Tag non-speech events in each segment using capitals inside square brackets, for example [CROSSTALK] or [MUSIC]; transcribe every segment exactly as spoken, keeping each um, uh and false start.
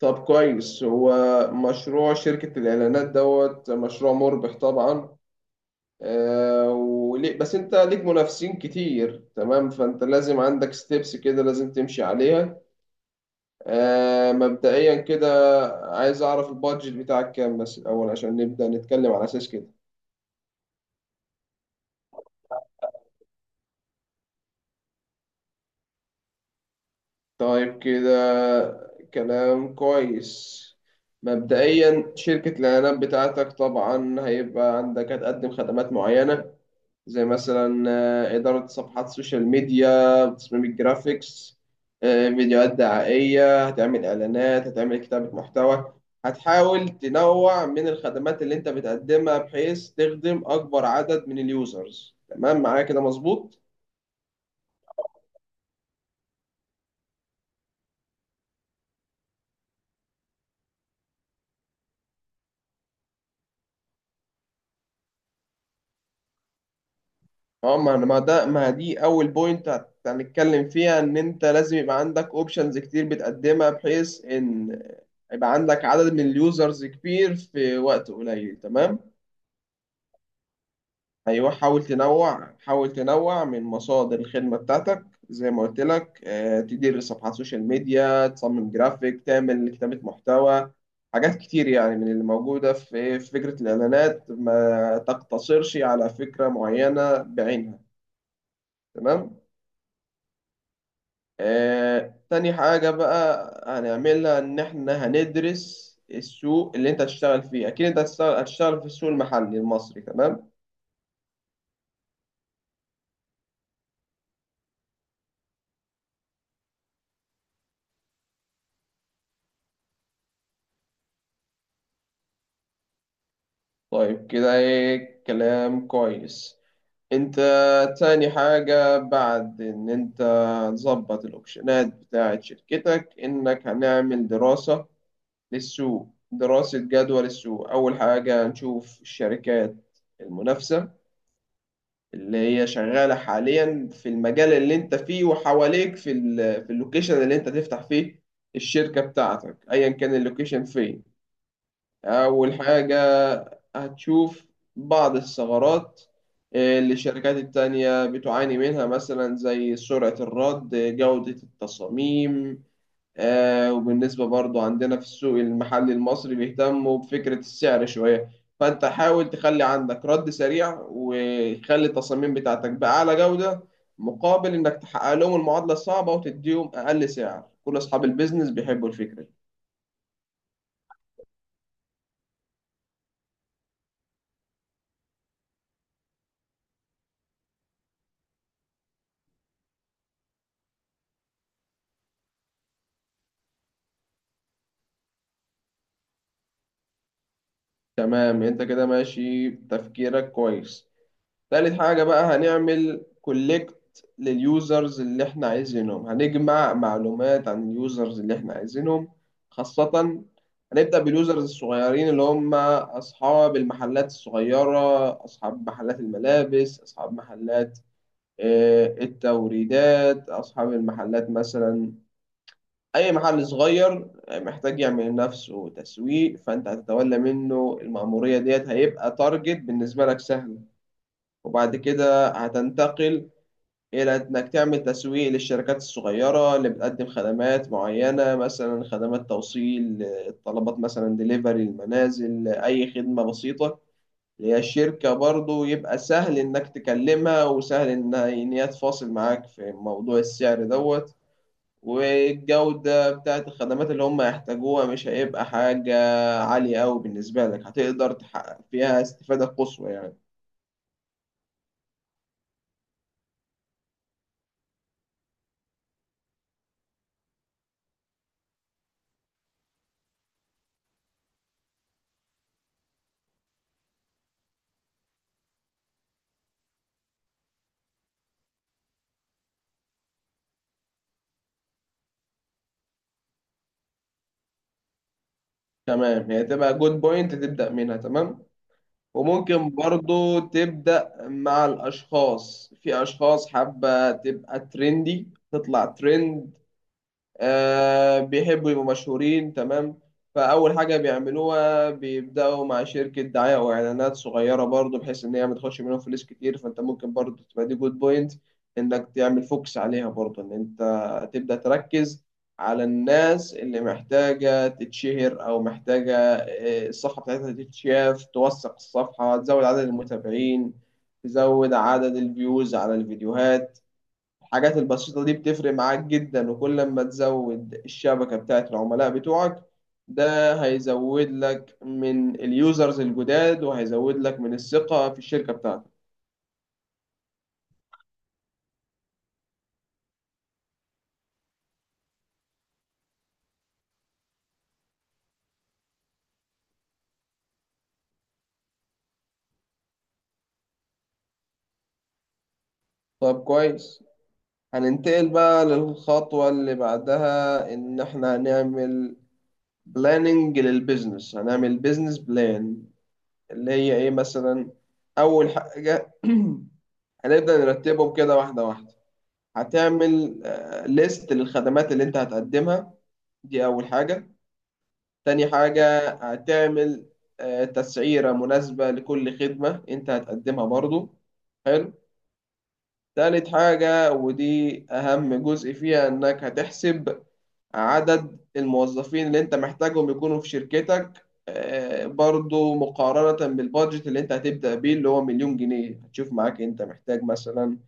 طب، كويس. هو مشروع شركة الإعلانات دوت مشروع مربح طبعا. آه وليه بس أنت ليك منافسين كتير، تمام. فأنت لازم عندك ستيبس كده لازم تمشي عليها. آه مبدئيا كده، عايز أعرف البادجت بتاعك كام بس الأول عشان نبدأ نتكلم على أساس كده. طيب كده، كلام كويس. مبدئيا شركة الإعلانات بتاعتك طبعا هيبقى عندك هتقدم خدمات معينة زي مثلا آه، إدارة صفحات سوشيال ميديا، تصميم الجرافيكس، آه، فيديوهات دعائية، هتعمل إعلانات، هتعمل كتابة محتوى. هتحاول تنوع من الخدمات اللي أنت بتقدمها بحيث تخدم أكبر عدد من اليوزرز. تمام، معايا كده مظبوط؟ اه. ما ما ده ما دي أول بوينت هنتكلم فيها، إن أنت لازم يبقى عندك أوبشنز كتير بتقدمها بحيث إن يبقى عندك عدد من اليوزرز كبير في وقت قليل، تمام؟ ايوه، حاول تنوع، حاول تنوع من مصادر الخدمه بتاعتك. زي ما قلت لك، آه، تدير صفحات سوشيال ميديا، تصمم جرافيك، تعمل كتابه محتوى. حاجات كتير يعني من اللي موجوده في في فكره الاعلانات، ما تقتصرش على فكره معينه بعينها. تمام. آه، تاني حاجه بقى هنعملها ان احنا هندرس السوق اللي انت هتشتغل فيه. اكيد انت هتشتغل هتشتغل في السوق المحلي المصري، تمام. طيب كده ايه، كلام كويس. انت تاني حاجة بعد ان انت تظبط الاوبشنات بتاعة شركتك، انك هنعمل دراسة للسوق، دراسة جدوى للسوق. اول حاجة نشوف الشركات المنافسة اللي هي شغالة حاليا في المجال اللي انت فيه وحواليك، في ال في اللوكيشن اللي انت تفتح فيه الشركة بتاعتك، ايا كان اللوكيشن فين. أول حاجة هتشوف بعض الثغرات، آه، اللي الشركات التانية بتعاني منها مثلا، زي سرعة الرد، آه، جودة التصاميم. آه، وبالنسبة برضو عندنا في السوق المحلي المصري بيهتموا بفكرة السعر شوية. فأنت حاول تخلي عندك رد سريع، وخلي التصاميم بتاعتك بأعلى جودة، مقابل إنك تحقق لهم المعادلة الصعبة وتديهم أقل سعر. كل أصحاب البيزنس بيحبوا الفكرة دي. تمام، انت كده ماشي تفكيرك كويس. تالت حاجة بقى، هنعمل كولكت لليوزرز اللي احنا عايزينهم، هنجمع معلومات عن اليوزرز اللي احنا عايزينهم خاصة. هنبدأ باليوزرز الصغيرين اللي هم أصحاب المحلات الصغيرة، أصحاب محلات الملابس، أصحاب محلات آه، التوريدات، أصحاب المحلات مثلا. أي محل صغير محتاج يعمل لنفسه تسويق، فأنت هتتولى منه المأمورية ديت، هيبقى تارجت بالنسبة لك سهل. وبعد كده هتنتقل إلى إنك تعمل تسويق للشركات الصغيرة اللي بتقدم خدمات معينة، مثلا خدمات توصيل الطلبات مثلا، ديليفري المنازل، أي خدمة بسيطة. اللي هي الشركة برضو يبقى سهل إنك تكلمها، وسهل إن إن هي تفاصل معاك في موضوع السعر دوت. والجودة بتاعت الخدمات اللي هم يحتاجوها مش هيبقى حاجة عالية أوي بالنسبة لك، هتقدر تحقق فيها استفادة قصوى يعني. تمام، هي تبقى جود بوينت تبدأ منها، تمام. وممكن برضو تبدأ مع الأشخاص، في أشخاص حابة تبقى ترندي تطلع ترند، آه، بيحبوا يبقوا مشهورين، تمام. فأول حاجة بيعملوها بيبدأوا مع شركة دعاية أو إعلانات صغيرة برضو، بحيث إن هي ما تاخدش منهم فلوس كتير. فأنت ممكن برضو تبقى دي جود بوينت، إنك تعمل فوكس عليها برضو، إن أنت تبدأ تركز على الناس اللي محتاجة تتشهر، أو محتاجة آه، الصفحة بتاعتها تتشاف، توثق الصفحة، تزود عدد المتابعين، تزود عدد الفيوز على الفيديوهات. الحاجات البسيطة دي بتفرق معاك جدا، وكل ما تزود الشبكة بتاعت العملاء بتوعك، ده هيزود لك من اليوزرز الجداد، وهيزود لك من الثقة في الشركة بتاعتك. طب كويس. هننتقل بقى للخطوة اللي بعدها، إن إحنا هنعمل بلاننج للبيزنس، هنعمل بيزنس بلان. اللي هي إيه مثلا؟ أول حاجة [CLEARS THROAT] هنبدأ نرتبهم كده واحدة واحدة. هتعمل ليست للخدمات اللي أنت هتقدمها، دي أول حاجة. تاني حاجة هتعمل آه، تسعيرة مناسبة لكل خدمة أنت هتقدمها برضو. حلو. تالت حاجة، ودي أهم جزء فيها، إنك هتحسب عدد الموظفين اللي أنت محتاجهم يكونوا في شركتك، آه، برضو مقارنة بالبادجت اللي أنت هتبدأ بيه اللي هو مليون جنيه. هتشوف معاك أنت محتاج مثلا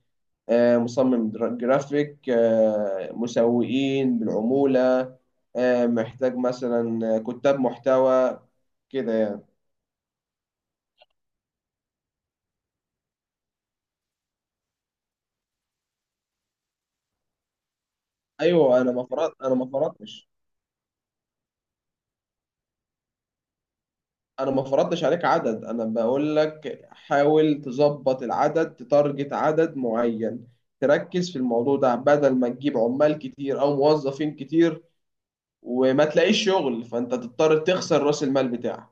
آه، مصمم جرا- جرافيك، آه، مسوقين بالعمولة، آه، محتاج مثلا آه، كتاب محتوى، كده يعني. ايوه، انا ما فرط انا ما فرطتش. انا ما فرضتش عليك عدد، انا بقول لك حاول تظبط العدد، تتارجت عدد معين، تركز في الموضوع ده بدل ما تجيب عمال كتير او موظفين كتير وما تلاقيش شغل، فانت تضطر تخسر راس المال بتاعك.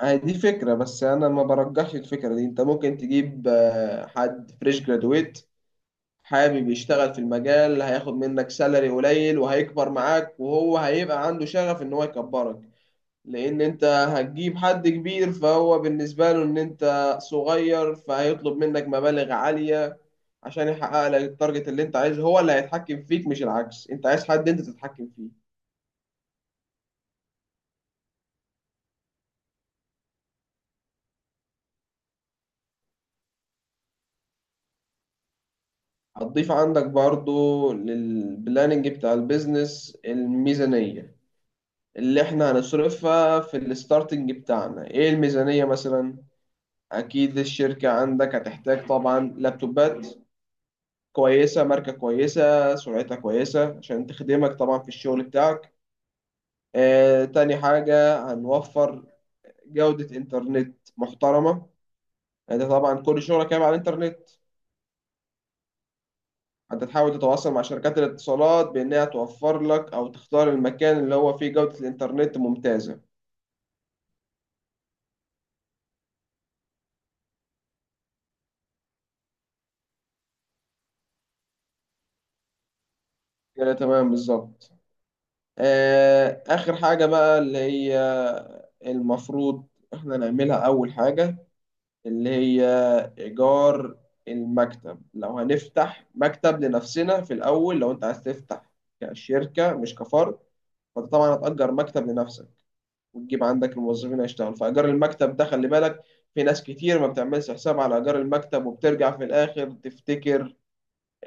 هي دي فكرة، بس أنا ما برجحش الفكرة دي. أنت ممكن تجيب آه، حد فريش جرادويت حابب يشتغل في المجال، هياخد منك سالري قليل وهيكبر معاك، وهو هيبقى عنده شغف إن هو يكبرك. لأن أنت هتجيب حد كبير، فهو بالنسبة له إن أنت صغير، فهيطلب منك مبالغ عالية عشان يحقق لك التارجت اللي أنت عايزه. هو اللي هيتحكم فيك مش العكس، أنت عايز حد أنت تتحكم فيه. هتضيف عندك برضو للبلاننج بتاع البيزنس الميزانية اللي احنا هنصرفها في الستارتنج بتاعنا. ايه الميزانية مثلا؟ اكيد الشركة عندك هتحتاج طبعا لابتوبات كويسة، ماركة كويسة، سرعتها كويسة عشان تخدمك طبعا في الشغل بتاعك. آه، تاني حاجة هنوفر جودة انترنت محترمة. انت طبعا كل شغلك هيبقى على الانترنت. انت تحاول تتواصل مع شركات الاتصالات بانها توفر لك، او تختار المكان اللي هو فيه جودة الانترنت ممتازة. كده تمام بالظبط. آه، آخر حاجة بقى، اللي هي المفروض إحنا نعملها أول حاجة، اللي هي إيجار المكتب. لو هنفتح مكتب لنفسنا في الأول، لو أنت عايز تفتح كشركة مش كفرد، فأنت طبعا هتأجر مكتب لنفسك وتجيب عندك الموظفين يشتغلوا. فإيجار المكتب ده خلي بالك، في ناس كتير ما بتعملش حساب على إيجار المكتب، وبترجع في الآخر تفتكر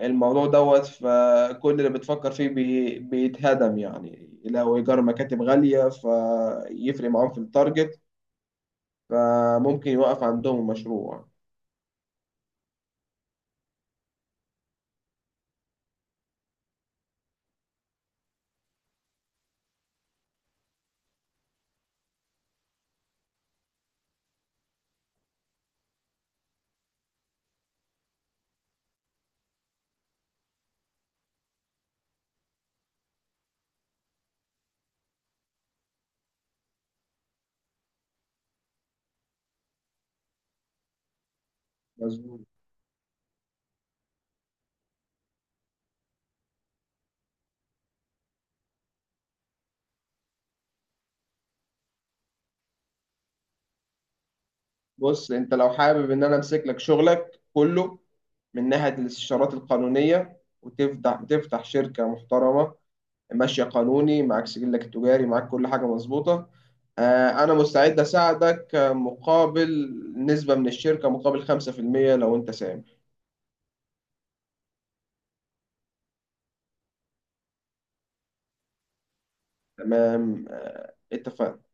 الموضوع دوت. فكل اللي بتفكر فيه بي... بيتهدم يعني. لو إيجار مكاتب غالية فيفرق معاهم في التارجت، فممكن يوقف عندهم المشروع. مظبوط. بص أنت لو حابب إن أنا أمسك لك شغلك كله من ناحية الاستشارات القانونية، وتفتح تفتح شركة محترمة، ماشية قانوني، معاك سجلك التجاري، معاك كل حاجة مظبوطة، آه، أنا مستعد أساعدك، آه، مقابل نسبة من الشركة، مقابل خمسة في المية لو أنت ساهم. تمام، آه، اتفقنا.